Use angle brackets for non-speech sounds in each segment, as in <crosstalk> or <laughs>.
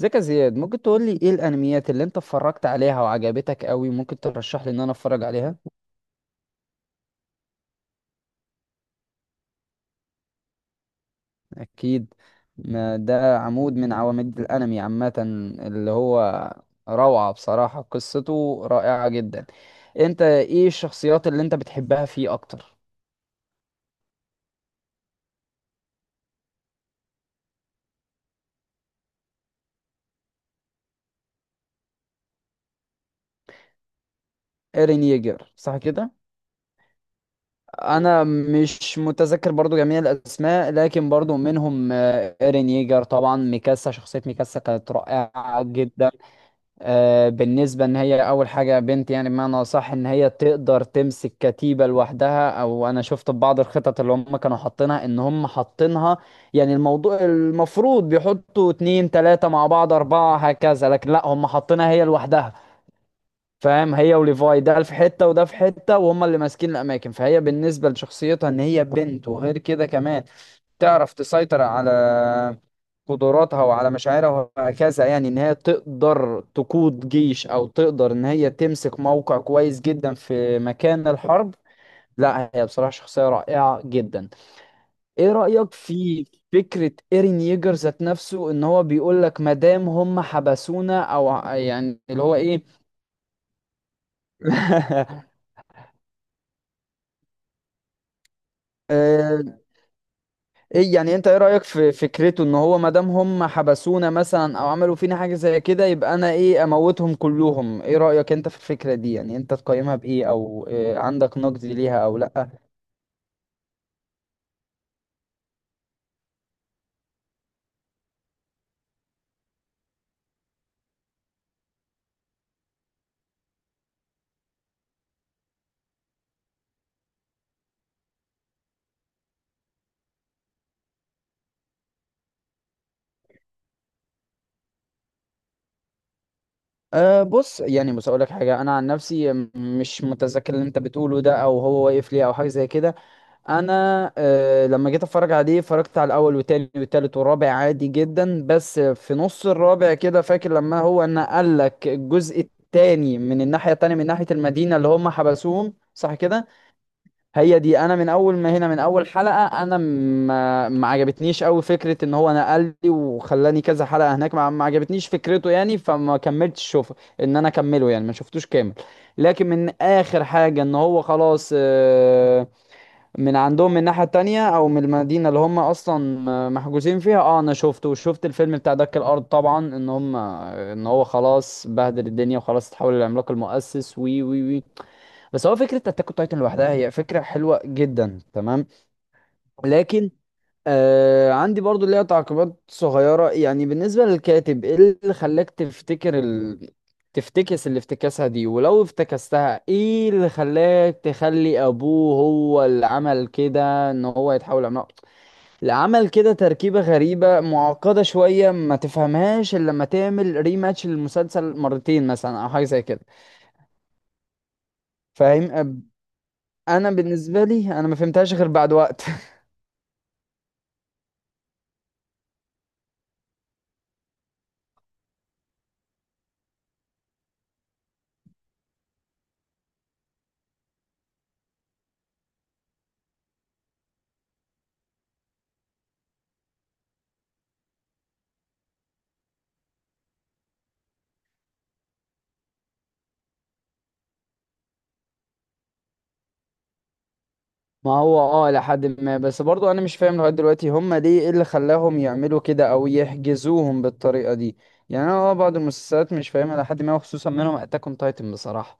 ازيك يا زياد، ممكن تقول لي ايه الانميات اللي انت اتفرجت عليها وعجبتك قوي؟ ممكن ترشح لي ان انا اتفرج عليها؟ اكيد. ما ده عمود من عواميد الانمي عامة، اللي هو روعة بصراحة، قصته رائعة جدا. انت ايه الشخصيات اللي انت بتحبها فيه اكتر؟ ايرين ييجر صح كده؟ انا مش متذكر برضو جميع الاسماء، لكن برضو منهم ايرين ييجر طبعا، ميكاسا. شخصية ميكاسا كانت رائعة جدا. بالنسبة ان هي اول حاجة بنت، يعني بمعنى صح ان هي تقدر تمسك كتيبة لوحدها، او انا شفت في بعض الخطط اللي هم كانوا حاطينها ان هم حاطينها. يعني الموضوع المفروض بيحطوا اتنين تلاتة مع بعض اربعة هكذا، لكن لا هم حاطينها هي لوحدها. فاهم؟ هي وليفاي، ده في حتة وده في حتة وهم اللي ماسكين الاماكن. فهي بالنسبة لشخصيتها ان هي بنت وغير كده كمان تعرف تسيطر على قدراتها وعلى مشاعرها وهكذا. يعني ان هي تقدر تقود جيش او تقدر ان هي تمسك موقع كويس جدا في مكان الحرب. لا هي بصراحة شخصية رائعة جدا. ايه رأيك في فكرة ايرين ييجر ذات نفسه ان هو بيقول لك مادام هم حبسونا او يعني اللي هو ايه. <laughs> ايه يعني انت ايه رأيك في فكرته ان هو ما دام هم حبسونا مثلا او عملوا فينا حاجة زي كده يبقى انا ايه اموتهم كلهم؟ ايه رأيك انت في الفكرة دي؟ يعني انت تقيمها بايه، او إيه عندك نقد ليها او لا؟ أه بص، يعني بص اقول لك حاجة. انا عن نفسي مش متذكر اللي انت بتقوله ده او هو واقف ليه او حاجة زي كده. انا لما جيت اتفرج عليه اتفرجت على الاول والتاني والتالت والرابع عادي جدا، بس في نص الرابع كده فاكر لما هو نقل لك الجزء التاني من الناحيه التانيه، من ناحيه المدينه اللي هم حبسوهم صح كده. هي دي، انا من اول ما هنا من اول حلقه انا ما عجبتنيش قوي فكره ان هو نقل لي وخلاني كذا حلقه هناك. ما عجبتنيش فكرته، يعني فما كملتش شوفه ان انا اكمله، يعني ما شفتوش كامل. لكن من اخر حاجه ان هو خلاص، من عندهم من الناحية التانية او من المدينة اللي هم اصلا محجوزين فيها، اه انا شفته وشفت الفيلم بتاع دك الارض طبعا. ان هم ان هو خلاص بهدل الدنيا وخلاص اتحول للعملاق المؤسس وي وي وي. بس هو فكرة اتاك اون تايتن لوحدها هي فكرة حلوة جدا تمام. لكن آه عندي برضو ليها تعقيبات صغيرة. يعني بالنسبة للكاتب، ايه اللي خلاك تفتكر تفتكس اللي افتكاسها دي؟ ولو افتكستها ايه اللي خلاك تخلي ابوه هو اللي عمل كده ان هو يتحول عملاق؟ اللي عمل كده تركيبة غريبة معقدة شوية، ما تفهمهاش الا لما تعمل ريماتش للمسلسل مرتين مثلا او حاجة زي كده. فاهم؟ أب- انا بالنسبة لي انا ما فهمتهاش غير بعد وقت. <laughs> ما هو اه لحد ما، بس برضو انا مش فاهم لغايه دلوقتي هم ليه، ايه اللي خلاهم يعملوا كده او يحجزوهم بالطريقه دي. يعني انا اه بعض المسلسلات مش فاهمها لحد ما، وخصوصا منهم اتاك اون تايتن بصراحه.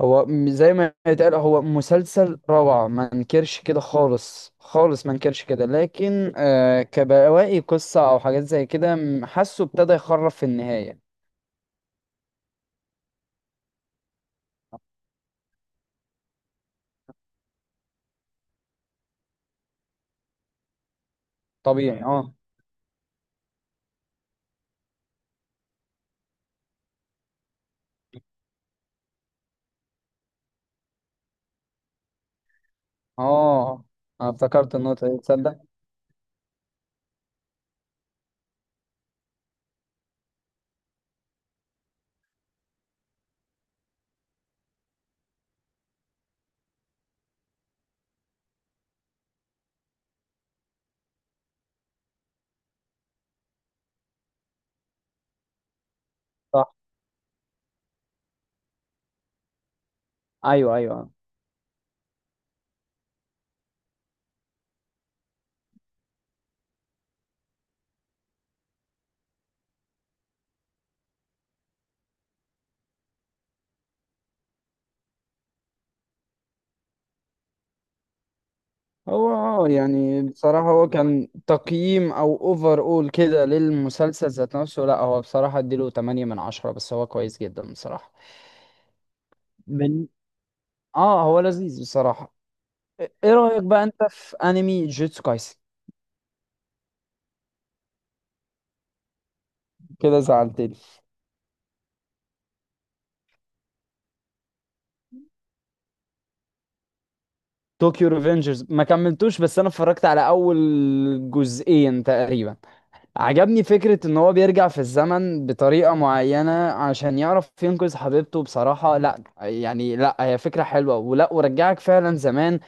هو زي ما يتقال هو مسلسل روعه، ما انكرش كده خالص خالص، ما انكرش كده. لكن آه كبواقي قصه او حاجات زي كده، حاسه ابتدى يخرب في النهايه. طبيعي اه. اه انا افتكرت النقطه دي تصدق. صح، ايوه ايوه. هو اه يعني بصراحة هو كان تقييم او اوفر اول كده للمسلسل ذات نفسه، لا هو بصراحة اديله 8 من 10، بس هو كويس جدا بصراحة من، اه هو لذيذ بصراحة. ايه إيه رأيك بقى انت في انمي جوتسو كايسن؟ كده زعلتني. طوكيو ريفنجرز ما كملتوش، بس انا اتفرجت على اول جزئين تقريبا. عجبني فكرة ان هو بيرجع في الزمن بطريقة معينة عشان يعرف ينقذ حبيبته، بصراحة لا يعني لا هي فكرة حلوة، ولا ورجعك فعلا زمان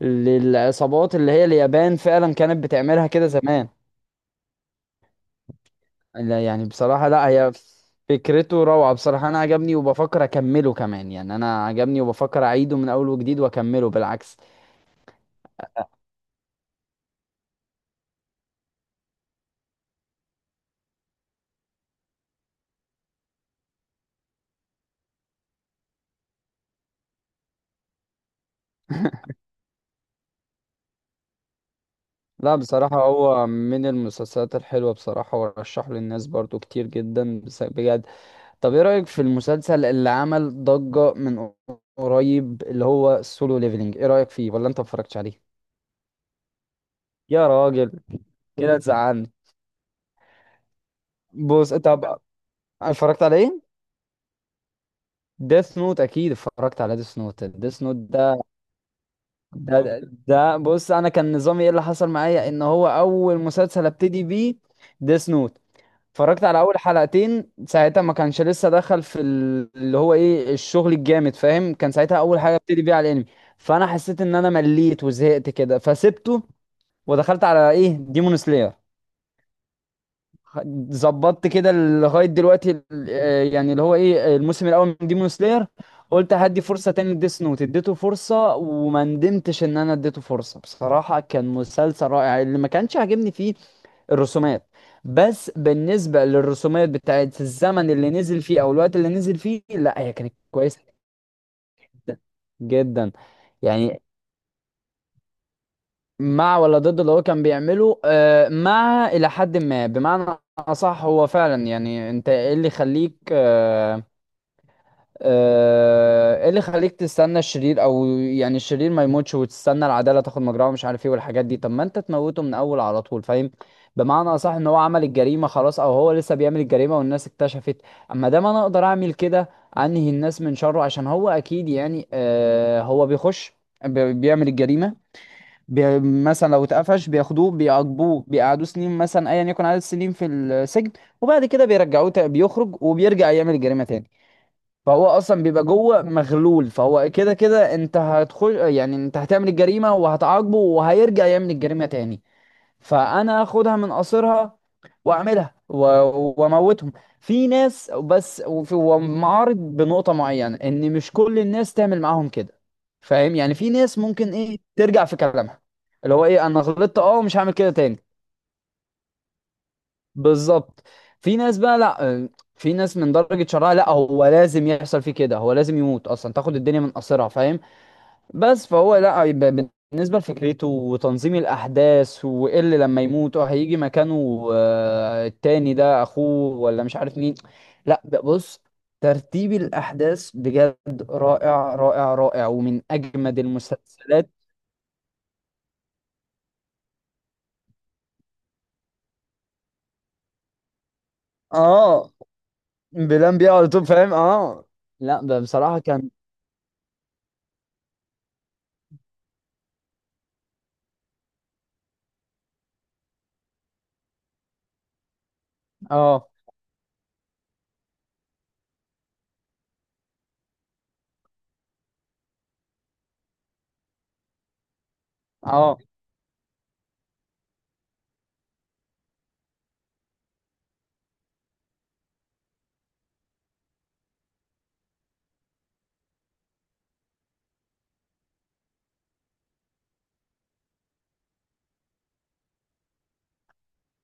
للعصابات اللي هي اليابان فعلا كانت بتعملها كده زمان. لا يعني بصراحة لا هي فكرته روعة بصراحة، انا عجبني وبفكر اكمله كمان، يعني انا عجبني وبفكر اعيده من اول وجديد واكمله بالعكس. <laughs> لا بصراحة هو من المسلسلات الحلوة بصراحة، ورشحه للناس برضو كتير جدا بجد. طب ايه رأيك في المسلسل اللي عمل ضجة من قريب، اللي هو السولو ليفلينج؟ ايه رأيك فيه، ولا انت ما اتفرجتش عليه؟ يا راجل، كده تزعلني. بص طب، اتفرجت على ايه؟ ديث نوت اكيد اتفرجت على ديث نوت. ديث نوت ده ده ده بص، انا كان نظامي ايه اللي حصل معايا ان هو اول مسلسل ابتدي بيه ديث نوت. اتفرجت على اول حلقتين ساعتها، ما كانش لسه دخل في اللي هو ايه الشغل الجامد. فاهم؟ كان ساعتها اول حاجه ابتدي بيها على الانمي، فانا حسيت ان انا مليت وزهقت كده فسبته، ودخلت على ايه ديمون سلاير. ظبطت كده لغايه دلوقتي يعني اللي هو ايه الموسم الاول من ديمون سلاير. قلت هدي فرصه تاني لديس نوت، اديته فرصه وما ندمتش ان انا اديته فرصه. بصراحه كان مسلسل رائع. اللي ما كانش عاجبني فيه الرسومات، بس بالنسبة للرسومات بتاعت الزمن اللي نزل فيه او الوقت اللي نزل فيه لا هي كانت كويسة جدا. جدا يعني. مع ولا ضد اللي هو كان بيعمله؟ مع الى حد ما، بمعنى اصح هو فعلا، يعني انت ايه اللي يخليك ايه اللي خليك تستنى الشرير؟ او يعني الشرير ما يموتش وتستنى العداله تاخد مجراها، ومش عارف ايه والحاجات دي. طب ما انت تموته من اول على طول. فاهم؟ بمعنى اصح ان هو عمل الجريمه خلاص، او هو لسه بيعمل الجريمه والناس اكتشفت. اما دام انا اقدر اعمل كده، انهي الناس من شره. عشان هو اكيد يعني آه هو بيخش بيعمل الجريمه. بي مثلا لو اتقفش بياخدوه بيعاقبوه بيقعدوه سنين، مثلا ايا يكن عدد السنين في السجن، وبعد كده بيرجعوه بيخرج وبيرجع يعمل الجريمه تاني. فهو اصلا بيبقى جوه مغلول. فهو كده كده انت هتخش، يعني انت هتعمل الجريمه وهتعاقبه وهيرجع يعمل الجريمه تاني. فانا اخدها من قصرها واعملها واموتهم في ناس بس. ومعارض بنقطه معينه ان مش كل الناس تعمل معاهم كده. فاهم؟ يعني في ناس ممكن ايه ترجع في كلامها، اللي هو ايه انا غلطت اه مش هعمل كده تاني. بالظبط. في ناس بقى لا في ناس من درجة شرها لا هو لازم يحصل فيه كده، هو لازم يموت اصلا، تاخد الدنيا من قصرها. فاهم؟ بس فهو لا، يبقى بالنسبة لفكرته وتنظيم الأحداث وإيه اللي لما يموت وهيجي مكانه التاني، ده أخوه ولا مش عارف مين. لا بص، ترتيب الأحداث بجد رائع رائع رائع ومن أجمد المسلسلات. اه بلان بيه على طول فاهم اه. لا بصراحة كان اه. اه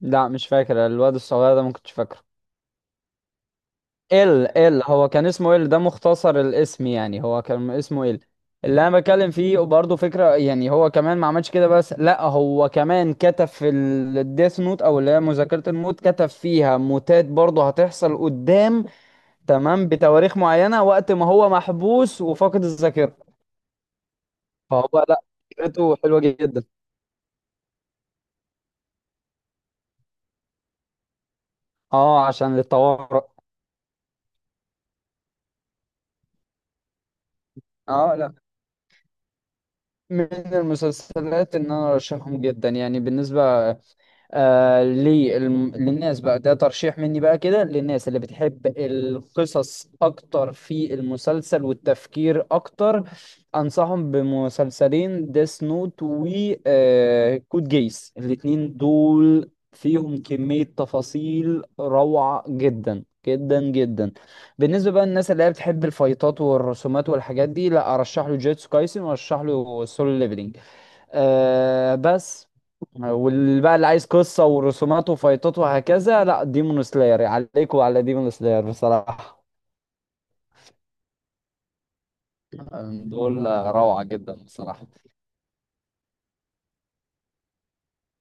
لا مش فاكر الواد الصغير ده، ما كنتش فاكره. ال، هو كان اسمه ال، ده مختصر الاسم يعني. هو كان اسمه ال. اللي انا بتكلم فيه برضه فكره، يعني هو كمان ما عملش كده، بس لا هو كمان كتب في الديث نوت، او اللي هي مذاكره الموت، كتب فيها موتات برضه هتحصل قدام. تمام. بتواريخ معينه وقت ما هو محبوس وفاقد الذاكره. فهو لا فكرته حلوه جدا. اه، عشان للطوارئ. اه لا، من المسلسلات ان انا ارشحهم جدا. يعني بالنسبه للناس بقى، ده ترشيح مني بقى كده للناس اللي بتحب القصص اكتر في المسلسل والتفكير اكتر، انصحهم بمسلسلين: ديس نوت و كود جيس. الاتنين دول فيهم كمية تفاصيل روعة جدا جدا جدا. بالنسبة بقى للناس اللي هي بتحب الفايتات والرسومات والحاجات دي، لا ارشح له جيتسو كايسن، وارشح له سولو ليفلينج آه بس. واللي بقى اللي عايز قصة ورسومات وفايتات وهكذا لا ديمون سلاير، عليكم على ديمون سلاير بصراحة. دول روعة جدا بصراحة.